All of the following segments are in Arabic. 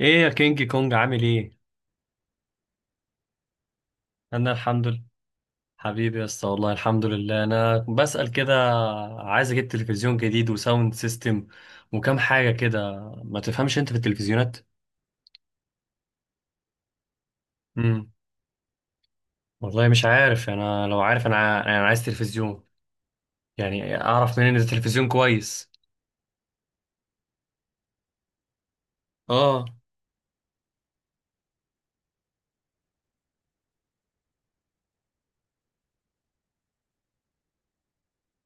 ايه يا كينج كونج، عامل ايه؟ انا الحمد لله. حبيبي يا اسطى، والله الحمد لله، انا بسأل كده. عايز اجيب تلفزيون جديد وساوند سيستم، وكم حاجة كده. ما تفهمش انت في التلفزيونات؟ امم والله مش عارف، انا لو عارف، انا عايز تلفزيون. يعني اعرف منين ان التلفزيون كويس؟ اه،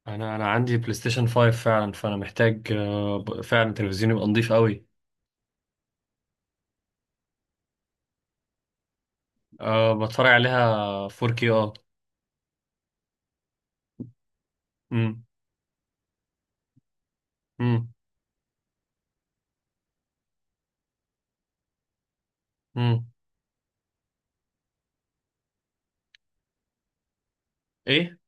انا عندي بلاي ستيشن 5 فعلا، فانا محتاج فعلا تلفزيون يبقى نضيف قوي. أه، بتفرج عليها 4K، اه. امم امم امم ايه؟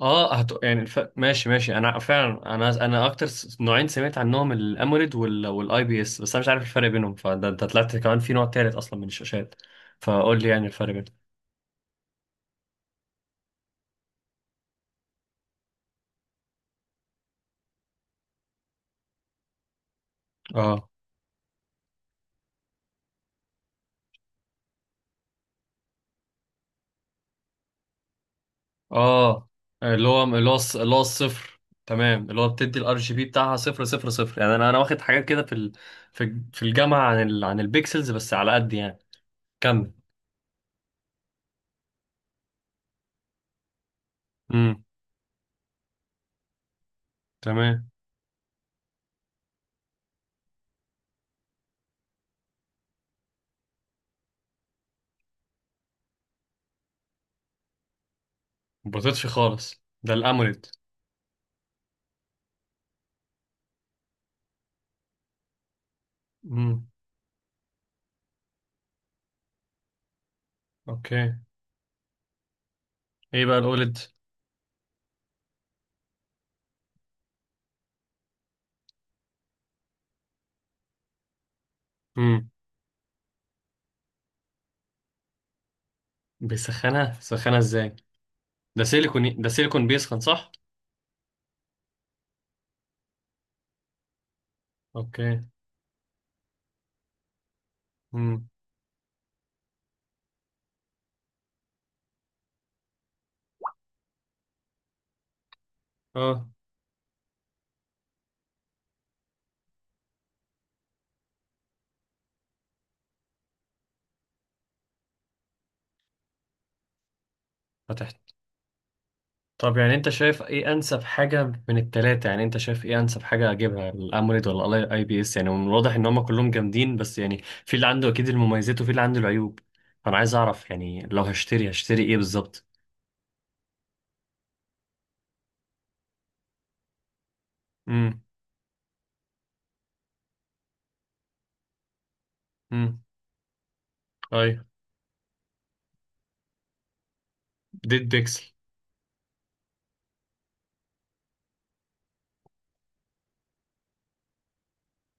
يعني ماشي ماشي، انا فعلا، انا اكتر نوعين سمعت عنهم الاموليد والاي بي اس، بس انا مش عارف الفرق بينهم. فده انت طلعت كمان في نوع تالت اصلا من الشاشات. فقول لي يعني الفرق بينهم. اه، اه، اللي هو الصفر. تمام، اللي هو بتدي الار جي بي بتاعها صفر صفر صفر. يعني انا واخد حاجات كده في الجامعه عن البيكسلز، بس على قد يعني. كمل. امم تمام. ما بطيتش خالص ده الاموليد. امم اوكي. ايه بقى الاوليد؟ بيسخنها ازاي؟ ده سيليكون بيسخن، صح؟ اوكي. امم اه. فتحت. طب يعني انت شايف ايه انسب حاجه من التلاته؟ يعني انت شايف ايه انسب حاجه اجيبها، الاموليد ولا الاي بي اس؟ يعني من الواضح ان هم كلهم جامدين، بس يعني في اللي عنده اكيد المميزات وفي اللي عنده العيوب. فانا عايز اعرف يعني، لو هشتري ايه بالظبط. امم امم ايوه، ديد بيكسل.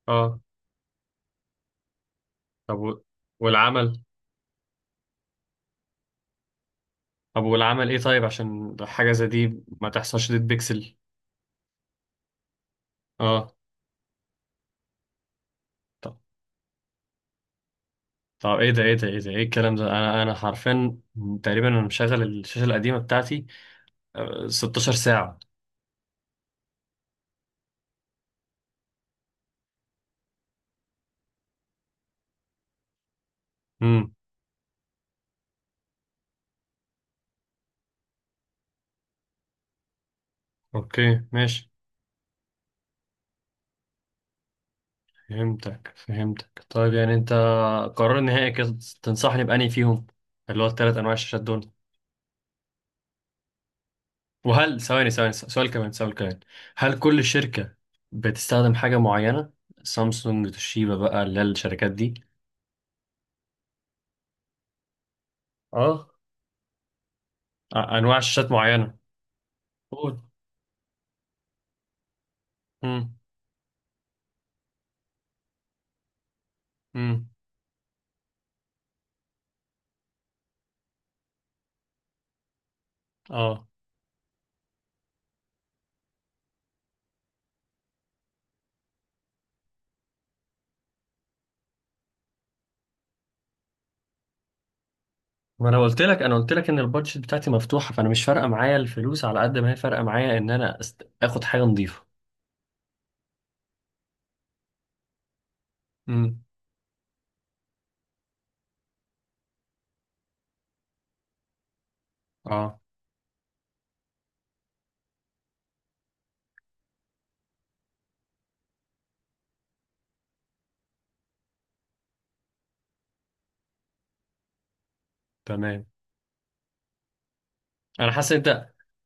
اه. طب و- والعمل؟ طب والعمل ايه؟ طيب عشان حاجه زي دي ما تحصلش ديد بيكسل. اه. طب ايه ده، ايه الكلام ده؟ انا حرفيا تقريبا انا مشغل الشاشه القديمه بتاعتي 16 ساعه. امم اوكي، ماشي. فهمتك، طيب يعني انت، قرار نهائي كده، تنصحني بأني فيهم، اللي هو الثلاث انواع الشاشات دول؟ وهل، ثواني ثواني، سؤال كمان، سؤال كمان، هل كل شركه بتستخدم حاجه معينه؟ سامسونج، توشيبا بقى، اللي هي الشركات دي. اه، انواع شاشات معينه. قول. امم امم اه، ما انا قلت لك، ان البادجت بتاعتي مفتوحه، فانا مش فارقه معايا الفلوس على قد ما هي فارقه معايا ان انا اخد حاجه نظيفه. امم اه، تمام. انا حاسس إن انت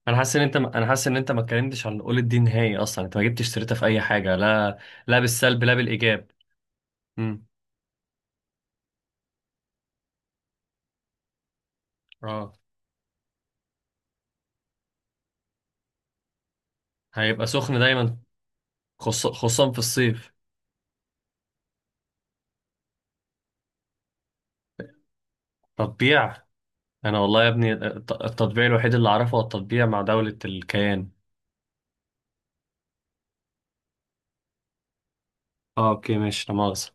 انا حاسس ان انت ما اتكلمتش عن قول الدين نهائي اصلا، انت ما جبتش سيرتها في اي حاجه، لا. لا بالسلب، لا بالايجاب. امم اه. هيبقى سخن دايما، خصوصا في الصيف. تطبيع؟ انا والله يا ابني، التطبيع الوحيد اللي اعرفه هو التطبيع مع دوله الكيان. اه، اوكي، ماشي، لا مؤاخذه.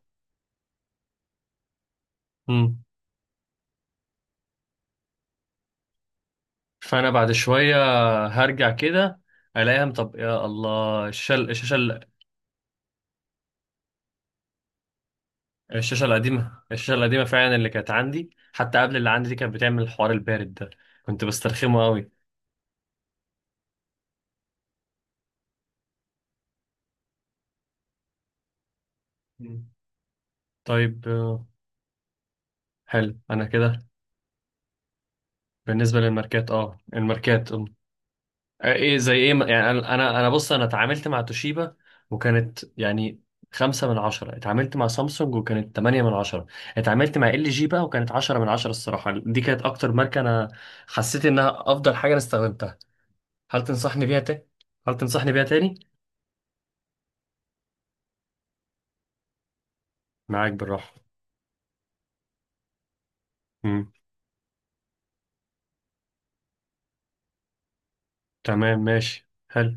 فانا بعد شويه هرجع كده الاقيها. طب يا الله، الشاشه القديمه فعلا اللي كانت عندي حتى قبل اللي عندي دي كانت بتعمل الحوار البارد ده. كنت بسترخمه قوي. مم. طيب. حلو انا كده. بالنسبه للماركات، اه الماركات ايه زي ايه؟ يعني انا بص، انا اتعاملت مع توشيبا، وكانت يعني 5/10. اتعاملت مع سامسونج وكانت 8/10. اتعاملت مع ال جي بقى وكانت 10/10. الصراحة دي كانت اكتر ماركة انا حسيت انها افضل حاجة انا استخدمتها. هل تنصحني بيها تاني؟ هل تنصحني بيها تاني؟ معاك بالراحة. امم تمام، ماشي، حلو.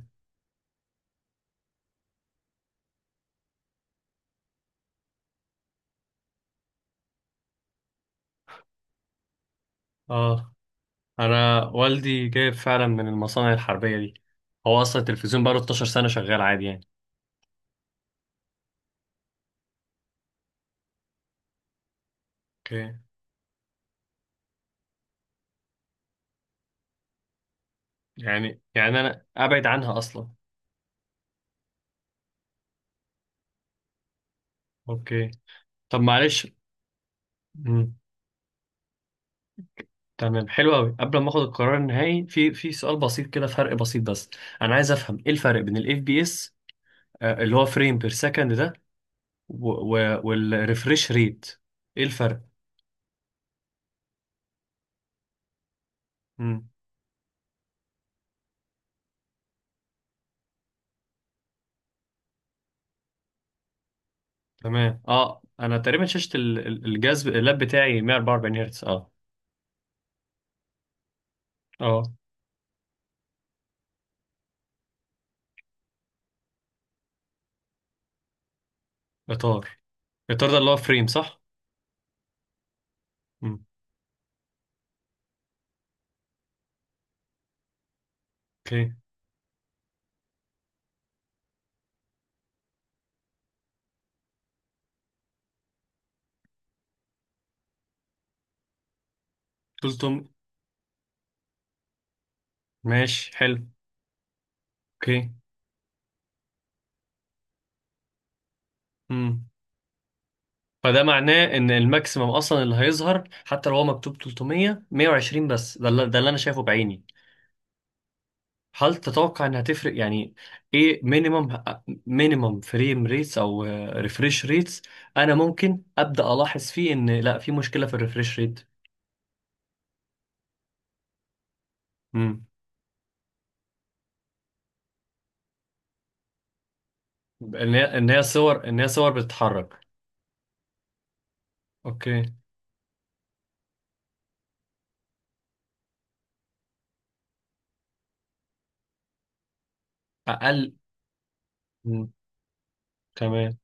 اه، انا والدي جايب فعلا من المصانع الحربية دي، هو اصلا التلفزيون بقاله 12 سنة شغال عادي يعني. اوكي، يعني انا ابعد عنها اصلا. اوكي. طب معلش. مم. تمام، حلو قوي. قبل ما اخد القرار النهائي، في سؤال بسيط كده، فرق بسيط بس، انا عايز افهم ايه الفرق بين الاف بي اس، اللي هو فريم بير سكند ده، والريفريش ريت؟ ايه الفرق؟ مم. تمام، اه، انا تقريبا شاشة الجهاز اللاب بتاعي 144 هرتز، اه. اه، اطار. الاطار ده اللي هو فريم، صح؟ مم. اوكي. قلتم، ماشي حلو. اوكي. مم. فده معناه ان الماكسيمم اصلا اللي هيظهر، حتى لو هو مكتوب 300، 120 بس ده اللي، انا شايفه بعيني. هل تتوقع انها تفرق يعني؟ ايه؟ مينيمم، فريم ريتس او ريفريش ريتس، انا ممكن ابدا الاحظ فيه ان لا في مشكله في الريفريش ريت؟ امم ان هي صور بتتحرك. اوكي. اقل. مم. تمام.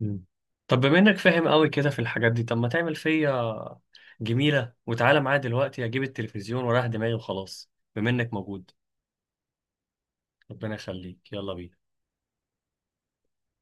مم. طب بما انك فاهم قوي كده في الحاجات دي، طب ما تعمل فيا جميلة وتعالى معايا دلوقتي اجيب التلفزيون وراح دماغي وخلاص، بما انك موجود. ربنا يخليك، يلا بينا.